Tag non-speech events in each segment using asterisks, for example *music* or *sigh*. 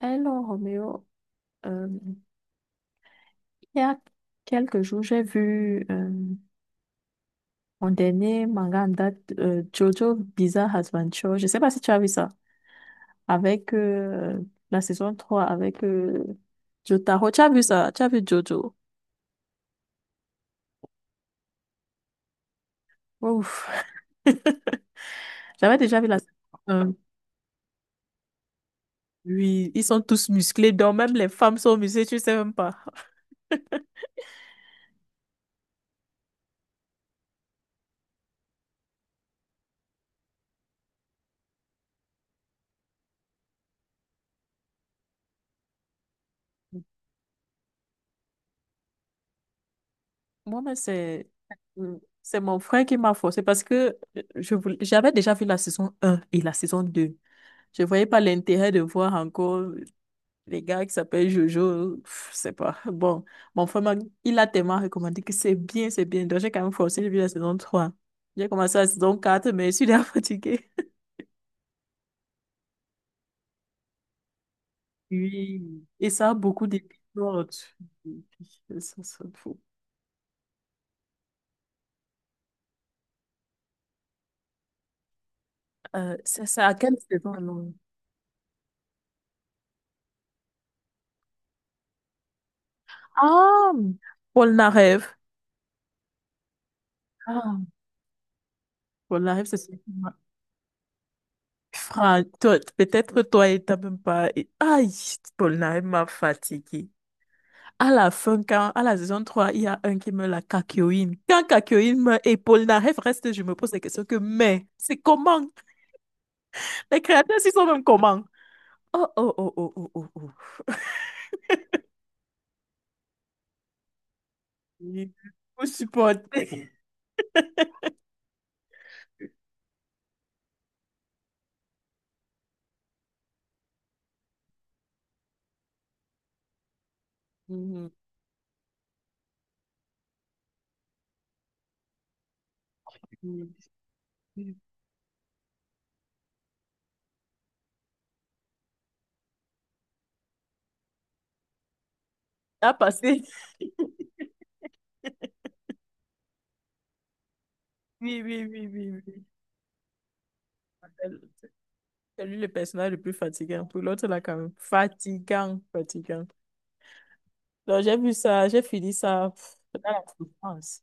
Alors, Roméo, euh, il y a quelques jours, j'ai vu mon dernier manga en date, Jojo Bizarre Adventure. Je sais pas si tu as vu ça, avec la saison 3 avec Jotaro. Tu as vu ça? Tu as vu Jojo? Ouf. *laughs* J'avais déjà vu la saison 1. Oui, ils sont tous musclés, donc même les femmes sont musclées, tu sais même pas. *laughs* Moi, mais c'est. Mm. C'est mon frère qui m'a forcé parce que j'avais déjà vu la saison un et la saison deux. Je voyais pas l'intérêt de voir encore. Les gars qui s'appellent Jojo, pff, je sais pas. Bon, mon frère, il a tellement recommandé que c'est bien, c'est bien. Donc, j'ai quand même forcé, j'ai vu la saison 3. J'ai commencé la saison quatre mais je suis déjà *laughs* fatiguée. Oui. Et ça a beaucoup d'épisodes. Ça. Ça à quelle saison alors? Ah, Paul Narev. Ah, Paul Narev, c'est celui qui m'a- Franck, toi, peut-être toi et t'as même pas. Aïe, Paul Narev m'a fatiguée. À la fin, quand, à la saison 3, il y a un qui meurt, la Kakyoin. Quand Kakyoin meurt et Polnareff reste, je me pose la question que, mais, c'est comment? Les créateurs, ils sont même comment? Oh, oh, oh, oh, oh, oh, oh. Il faut supporter. Mhm, mhm. Ah, passé. Oui, oui, oui, oui, oui. C'est lui le personnage le plus fatigant. Pour l'autre, là, quand même. Fatigant, fatigant. Donc, j'ai vu ça, j'ai fini ça pff, dans la souffrance.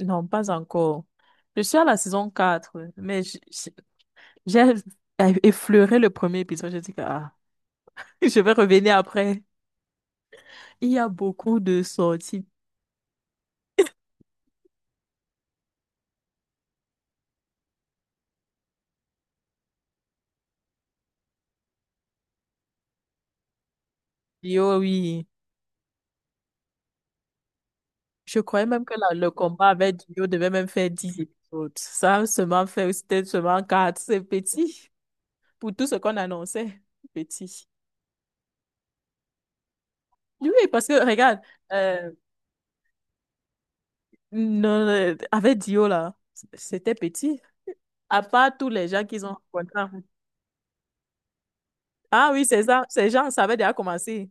Non, pas encore. Je suis à la saison 4, mais j'ai effleuré le premier épisode, j'ai dit que ah, *laughs* je vais revenir après. Il y a beaucoup de sorties. Dio, oui. Je croyais même que le combat avec Dio devait même faire 10 épisodes. Ça a seulement fait, c'était seulement quatre. C'est petit pour tout ce qu'on annonçait. Petit. Oui, oui, parce que regarde, euh, non, avec Dio là, c'était petit. À part tous les gens qu'ils ont rencontrés. Ah oui, c'est ça. Ces gens, ça avait déjà commencé.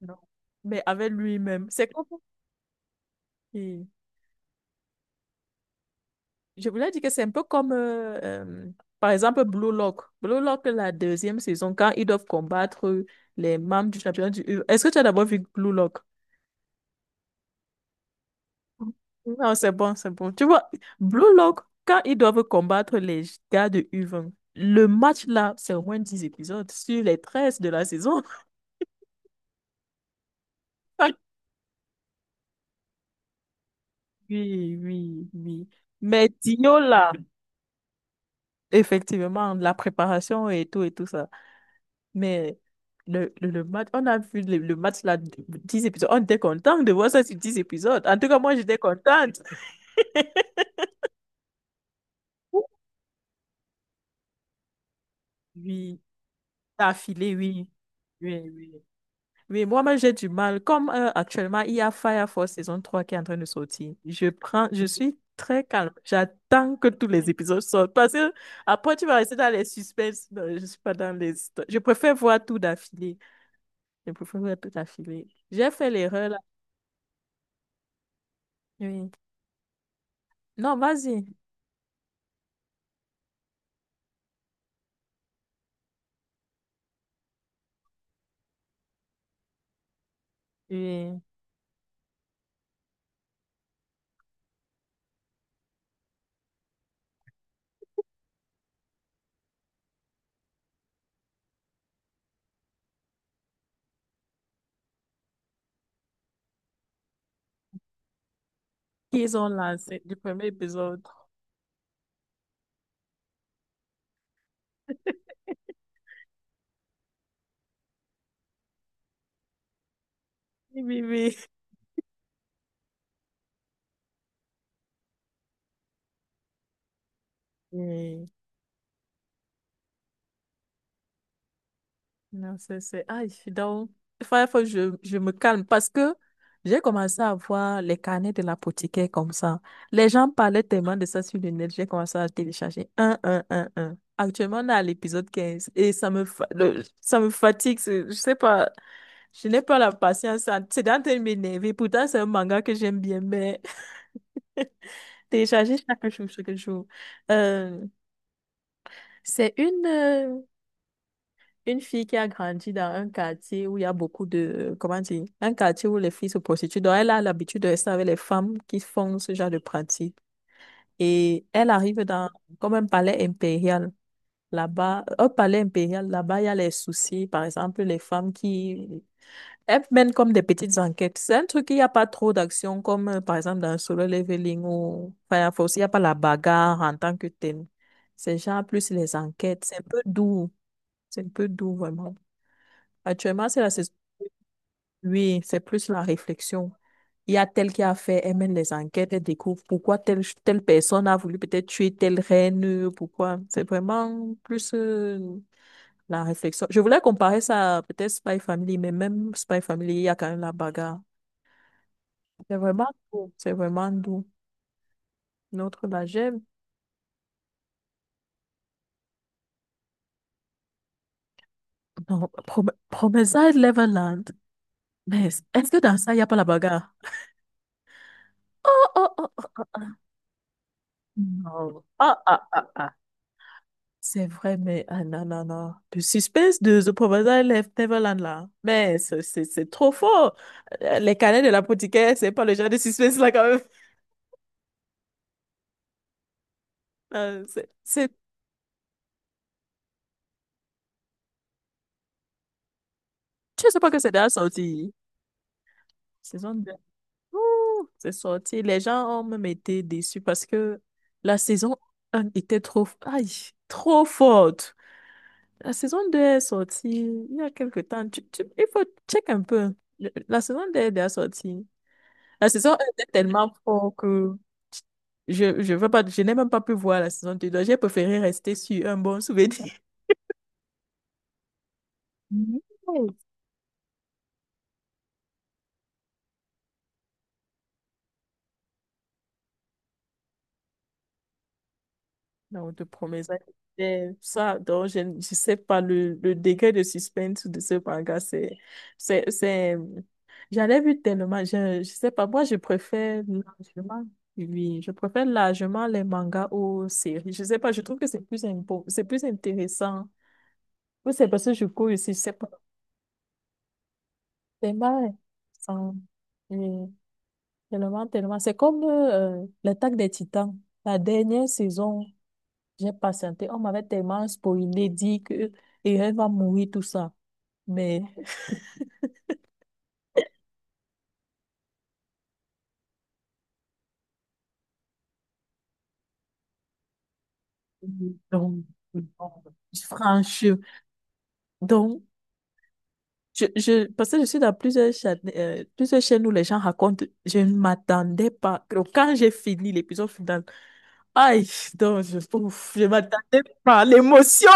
Non. Mais avec lui-même, c'est comme. Je voulais dire que c'est un peu comme, euh, par exemple, Blue Lock. Blue Lock, la deuxième saison, quand ils doivent combattre les membres du championnat du U. E, est-ce que tu as d'abord vu Blue Lock? Non, c'est bon, c'est bon. Tu vois, Blue Lock, quand ils doivent combattre les gars de U20, le match là, c'est au moins 10 épisodes sur les 13 de la saison. *laughs* Oui, oui, oui. Mais Dio là, effectivement, la préparation et tout ça. Mais le match, on a vu le match là, 10 épisodes. On était content de voir ça sur 10 épisodes. En tout cas, moi, j'étais contente. Oui, d'affilée, oui. Oui, oui. Oui, moi-même, j'ai du mal. Comme actuellement, il y a Fire Force saison 3 qui est en train de sortir. Je prends, je suis très calme. J'attends que tous les épisodes sortent. Parce que après, tu vas rester dans les suspens. Non, je suis pas dans les histoires. Je préfère voir tout d'affilée. Je préfère voir tout d'affilée. J'ai fait l'erreur là. Oui. Non, vas-y. Oui. Qu'ils ont lancé du premier épisode. Oui, oui, oui. Oui. Non, c'est... Ah, je suis donc. Il faut que je me calme parce que j'ai commencé à voir les carnets de l'apothicaire comme ça. Les gens parlaient tellement de ça sur le net, j'ai commencé à télécharger un. Actuellement, on est à l'épisode 15 et ça me fatigue. Je sais pas, je n'ai pas la patience. C'est en train de m'énerver. Pourtant, c'est un manga que j'aime bien, mais *laughs* télécharger chaque jour, chaque jour. Euh, C'est une fille qui a grandi dans un quartier où il y a beaucoup de, comment dire, un quartier où les filles se prostituent. Donc, elle a l'habitude de rester avec les femmes qui font ce genre de pratique. Et elle arrive dans, comme un palais impérial. Là-bas, au palais impérial, là-bas, il y a les soucis. Par exemple, les femmes qui, elles mènent comme des petites enquêtes. C'est un truc, il n'y a pas trop d'action, comme, par exemple, dans Solo Leveling ou Fire Force, il n'y a pas la bagarre en tant que thème. C'est genre plus les enquêtes. C'est un peu doux. C'est un peu doux, vraiment. Actuellement, c'est la saison. Oui, c'est plus la réflexion. Il y a tel qui a fait, elle mène les enquêtes, elle découvre pourquoi telle, telle personne a voulu peut-être tuer telle reine, pourquoi. C'est vraiment plus la réflexion. Je voulais comparer ça à peut-être Spy Family, mais même Spy Family, il y a quand même la bagarre. C'est vraiment doux. C'est vraiment doux. Notre, là, j'aime. Non, Promessa et Neverland. Mais est-ce que dans ça, il n'y a pas la bagarre? Oh, oh, oh, oh. Non. Ah, ah, ah, ah. C'est vrai, mais ah non, non, non. Le suspense de The Proposal of Neverland, là. Mais c'est trop fort. Les canets de l'apothicaire, c'est pas le genre de suspense, là, quand même. *laughs* Euh, c'est, c'est- je sais pas que c'est déjà sorti. Saison 2 c'est sorti. Les gens ont même été déçus parce que la saison 1 était trop, aïe, trop forte. La saison 2 est sortie il y a quelque temps. Il faut check un peu. La saison 2 est déjà sortie. La saison 1 était tellement fort que je veux pas, je n'ai même pas pu voir la saison deux. Donc, j'ai préféré rester sur un bon souvenir. *laughs* Yes. Non, de promesse. Ça, donc, je sais pas, le degré de suspense de ce manga, c'est, c'est, j'en ai vu tellement, je sais pas, moi, je préfère largement, oui, je préfère largement les mangas aux séries. Je sais pas, je trouve que c'est plus intéressant. Ou c'est parce que je cours ici, je sais pas. Des balles. Sans. Oui, tellement, tellement. C'est comme l'attaque des Titans. La dernière saison, j'ai patienté. On m'avait tellement spoilé, dit que et elle va mourir, tout ça. Mais, donc, franchement, donc, parce que je suis dans plusieurs chaînes où les gens racontent, je ne m'attendais pas. Donc, quand j'ai fini l'épisode final, aïe, donc, ouf, je m'attendais pas à l'émotion.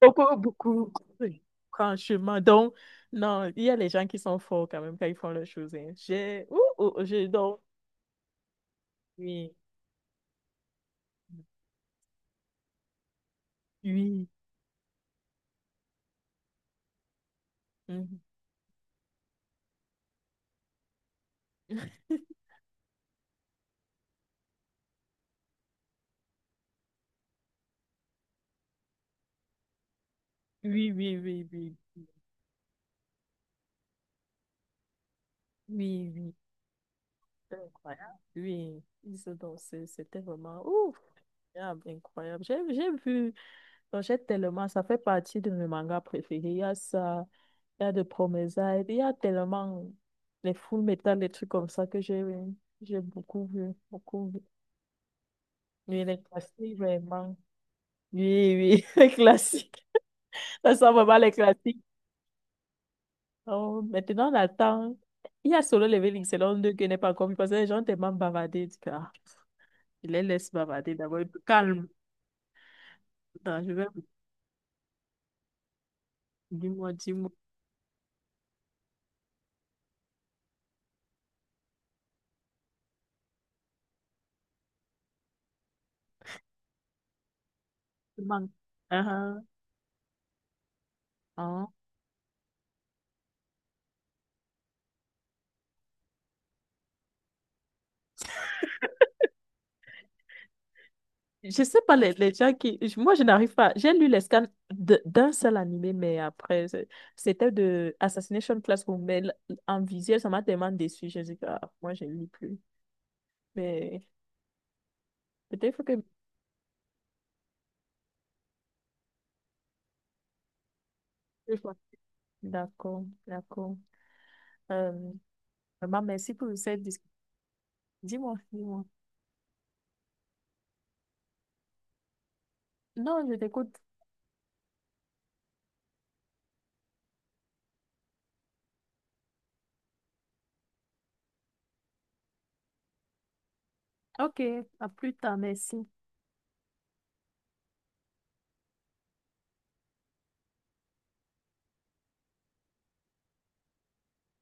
Beaucoup, beaucoup, oui, franchement. Donc, non, il y a les gens qui sont forts quand même quand ils font leurs choses, hein. Ouh, ouh, j'ai donc, oui, oui, mhm. *laughs* Oui, oui, oui, oui, oui, oui, c'est incroyable. Oui, ils se dansaient, c'était vraiment, ouf, incroyable, incroyable. J'ai vu, donc j'ai tellement, ça fait partie de mes mangas préférés. Il y a ça, il y a de Promesailles, il y a tellement les full metal, les trucs comme ça que j'ai beaucoup vu, beaucoup vu. Oui, les classiques, vraiment. Oui, oui, *laughs* les classiques. Ça sent vraiment les classiques. Oh, maintenant, on attend. Il y a Solo Leveling, c'est l'un deux qui n'est pas encore vu parce que les gens tellement bavardés. Du coup, ah, je les laisse bavarder d'abord. Calme. Attends, je vais. Dis-moi, dis-moi. Tu manques. Ah, ah, ah. Je sais pas, les gens qui. Moi, je n'arrive pas. J'ai lu les scans d'un seul animé, mais après, c'était de Assassination Classroom. Mais en visuel, ça m'a tellement déçu. Je dis, ah, moi, je ne lis plus. Mais. Peut-être faut que. Deux fois. D'accord, d'accord. Euh, vraiment, merci pour cette discussion. Dis-moi, dis-moi. Non, je t'écoute. Ok, à plus tard, merci.